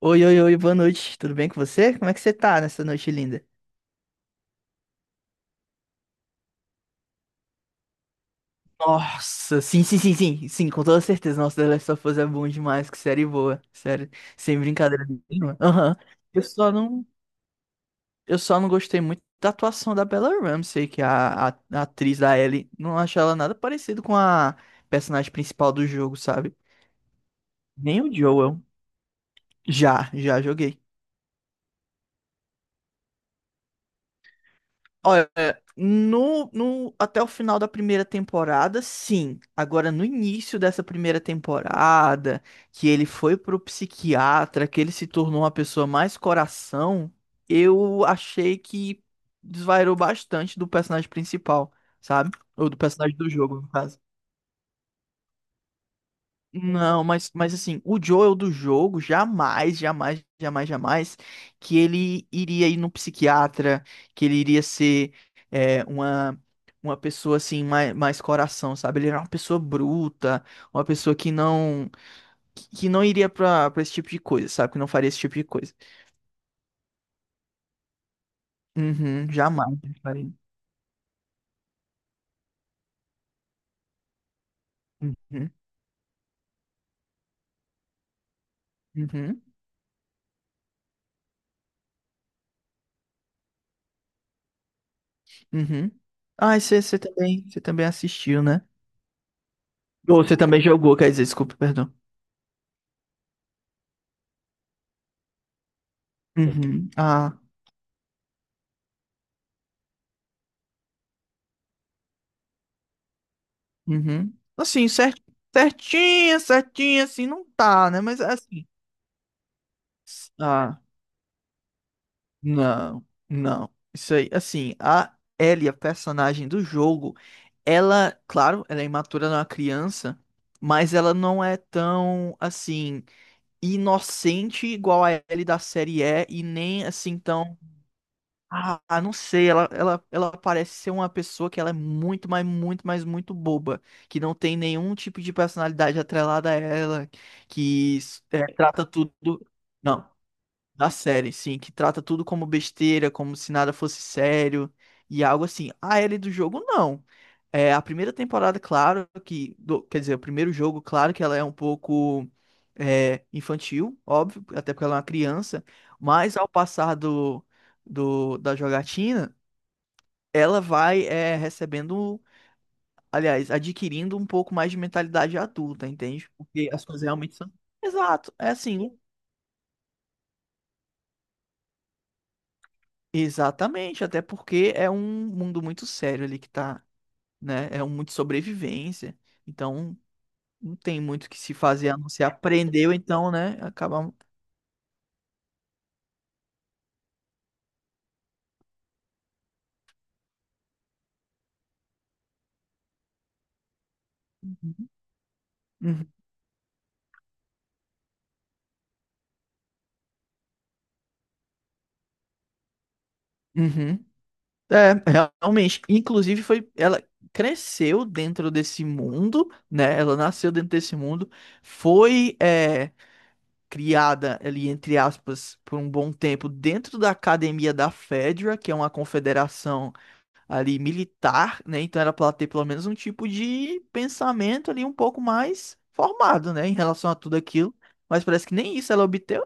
Oi, oi, oi, boa noite. Tudo bem com você? Como é que você tá nessa noite linda? Nossa, sim, sim, sim, sim, sim, com toda certeza. Nossa, The Last of Us é bom demais, que série boa, sério, sem brincadeira nenhuma. Aham. Eu só não, eu só não gostei muito da atuação da Bella Ramsey, que é a atriz da Ellie. Não acho ela nada parecido com a personagem principal do jogo, sabe? Nem o Joel. Já joguei. Olha, no, no, até o final da primeira temporada, sim. Agora, no início dessa primeira temporada, que ele foi pro psiquiatra, que ele se tornou uma pessoa mais coração, eu achei que desvairou bastante do personagem principal, sabe? Ou do personagem do jogo, no caso. Não, mas assim, o Joel do jogo jamais, jamais, jamais, jamais que ele iria ir no psiquiatra, que ele iria ser é, uma, uma pessoa assim, mais, mais coração, sabe? Ele era uma pessoa bruta, uma pessoa que não iria pra esse tipo de coisa, sabe? Que não faria esse tipo de coisa. Uhum, jamais ele faria. Uhum, uhum, uhum. Ah, você também, você também assistiu, né? Ou você também jogou, quer dizer, desculpa, perdão. Uhum. Ah. Uhum. Assim, certinha, certinha, assim, não tá, né? Mas é assim. Ah, não, não. Isso aí, assim, a Ellie, a personagem do jogo, ela, claro, ela é imatura, ela é uma criança, mas ela não é tão, assim, inocente igual a Ellie da série é, e nem assim tão. Ah, ah, não sei, ela parece ser uma pessoa que ela é muito, mas muito, mas muito boba, que não tem nenhum tipo de personalidade atrelada a ela, que é, trata tudo, não, da série, sim, que trata tudo como besteira, como se nada fosse sério, e algo assim. A Ellie do jogo, não. É, a primeira temporada, claro que. Do- quer dizer, o primeiro jogo, claro que ela é um pouco infantil, óbvio, até porque ela é uma criança, mas ao passar da jogatina, ela vai recebendo, aliás, adquirindo um pouco mais de mentalidade adulta, entende? Porque as coisas realmente são. Exato, é assim. Exatamente, até porque é um mundo muito sério ali que tá, né? É um muito sobrevivência. Então, não tem muito o que se fazer a não ser aprendeu, então, né? Acabamos. Uhum. Uhum. É, realmente. Inclusive, foi. Ela cresceu dentro desse mundo, né? Ela nasceu dentro desse mundo, foi criada ali, entre aspas, por um bom tempo dentro da academia da FEDRA, que é uma confederação ali militar, né? Então era para ela ter pelo menos um tipo de pensamento ali um pouco mais formado, né? Em relação a tudo aquilo. Mas parece que nem isso ela obteve.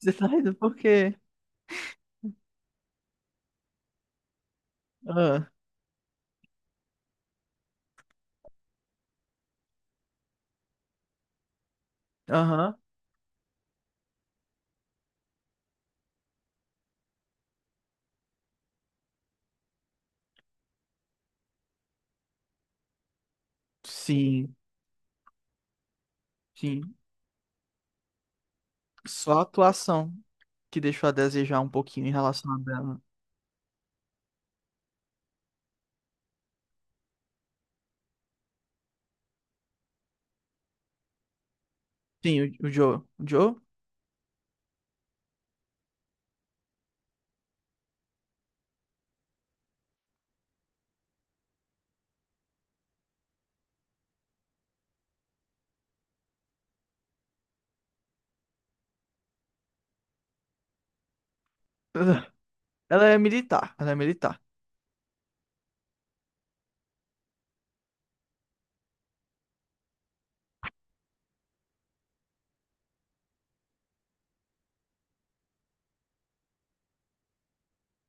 Você tá rindo por quê? Ah, aham. Sim, sim. Só a atuação que deixou a desejar um pouquinho em relação a dela. Sim, o Joe. O Joe? Ah, ela é militar. Ela é militar.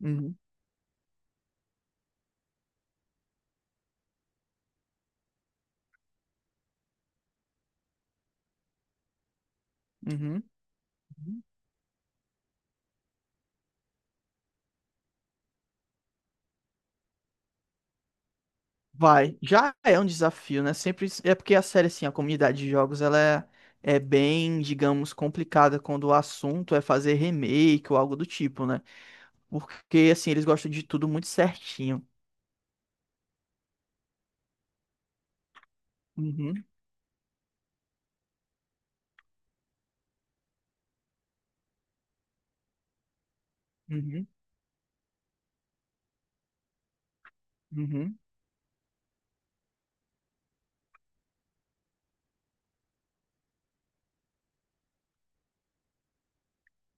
Uhum, uhum, uhum. Vai. Já é um desafio, né? Sempre. É porque a série, assim, a comunidade de jogos, ela é bem, digamos, complicada quando o assunto é fazer remake ou algo do tipo, né? Porque, assim, eles gostam de tudo muito certinho. Uhum, uhum, uhum,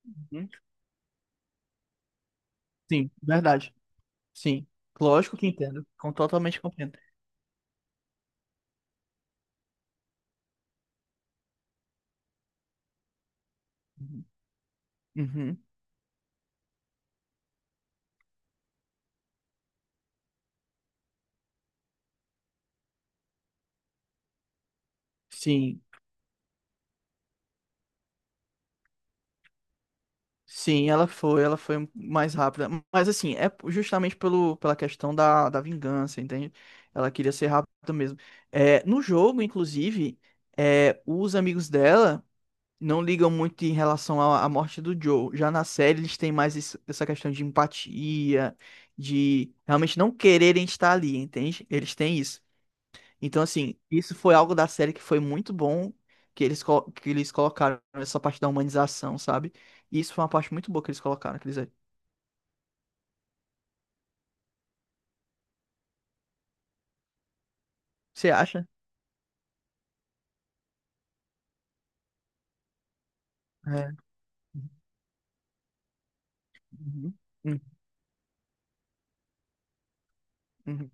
uhum. Sim, verdade. Sim. Lógico que entendo. Totalmente compreendo. Uhum. Uhum. Sim. Sim, ela foi mais rápida. Mas assim, é justamente pela questão da vingança, entende? Ela queria ser rápida mesmo. É, no jogo, inclusive, os amigos dela não ligam muito em relação à morte do Joe. Já na série, eles têm mais essa questão de empatia, de realmente não quererem estar ali, entende? Eles têm isso. Então, assim, isso foi algo da série que foi muito bom que que eles colocaram essa parte da humanização, sabe? E isso foi uma parte muito boa que eles colocaram, quer dizer. Você acha? É. Uhum. Uhum. Uhum.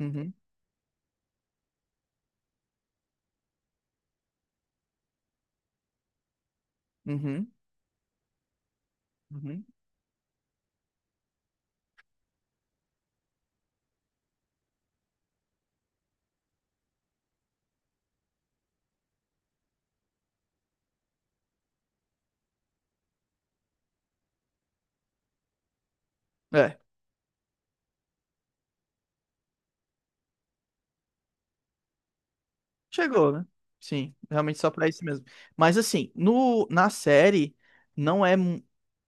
Uhum. Uhum. Uhum. É. Chegou, né? Sim, realmente só pra isso mesmo. Mas assim, no, na série não é.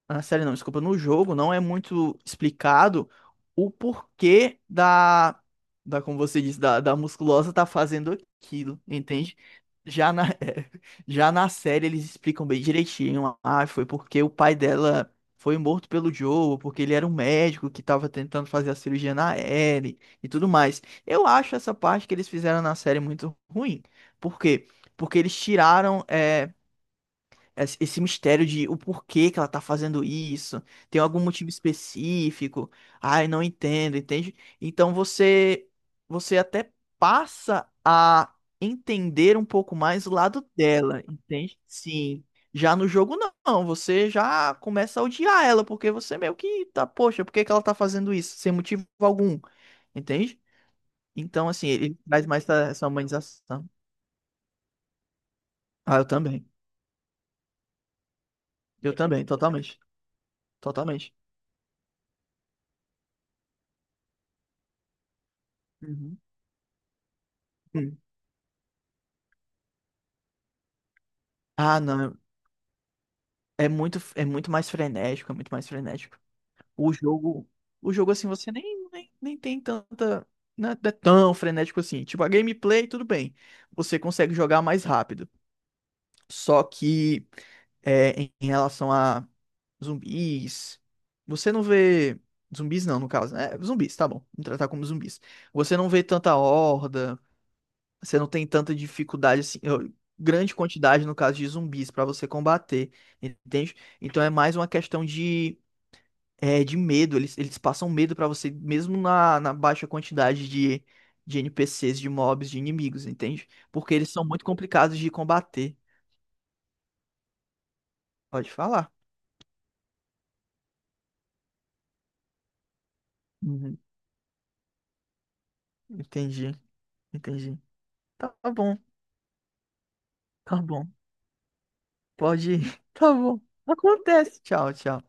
Na série não, desculpa, no jogo não é muito explicado o porquê da, como você disse, da musculosa tá fazendo aquilo, entende? Já na, é, já na série eles explicam bem direitinho, ah, foi porque o pai dela foi morto pelo Joe, porque ele era um médico que tava tentando fazer a cirurgia na Ellie e tudo mais. Eu acho essa parte que eles fizeram na série muito ruim. Por quê? Porque eles tiraram, esse mistério de o porquê que ela tá fazendo isso, tem algum motivo específico, ai, não entendo, entende? Então você até passa a entender um pouco mais o lado dela, entende? Sim. Já no jogo não, você já começa a odiar ela, porque você meio que tá, poxa, por que que ela tá fazendo isso? Sem motivo algum, entende? Então, assim, ele traz mais essa humanização. Ah, eu também. Eu também, totalmente. Totalmente. Uhum. Ah, não, é muito mais frenético, é muito mais frenético. O jogo, o jogo assim, você nem, nem tem tanta, não é tão frenético assim. Tipo, a gameplay, tudo bem, você consegue jogar mais rápido. Só que em em relação a zumbis, você não vê zumbis não, no caso, né? Zumbis, tá bom, vamos tratar como zumbis. Você não vê tanta horda, você não tem tanta dificuldade assim, grande quantidade no caso de zumbis pra você combater, entende? Então é mais uma questão de de medo, eles passam medo pra você mesmo na baixa quantidade de NPCs, de mobs, de inimigos, entende? Porque eles são muito complicados de combater. Pode falar. Uhum, entendi, entendi. Tá bom, tá bom. Pode ir. Tá bom. Acontece. Tchau, tchau.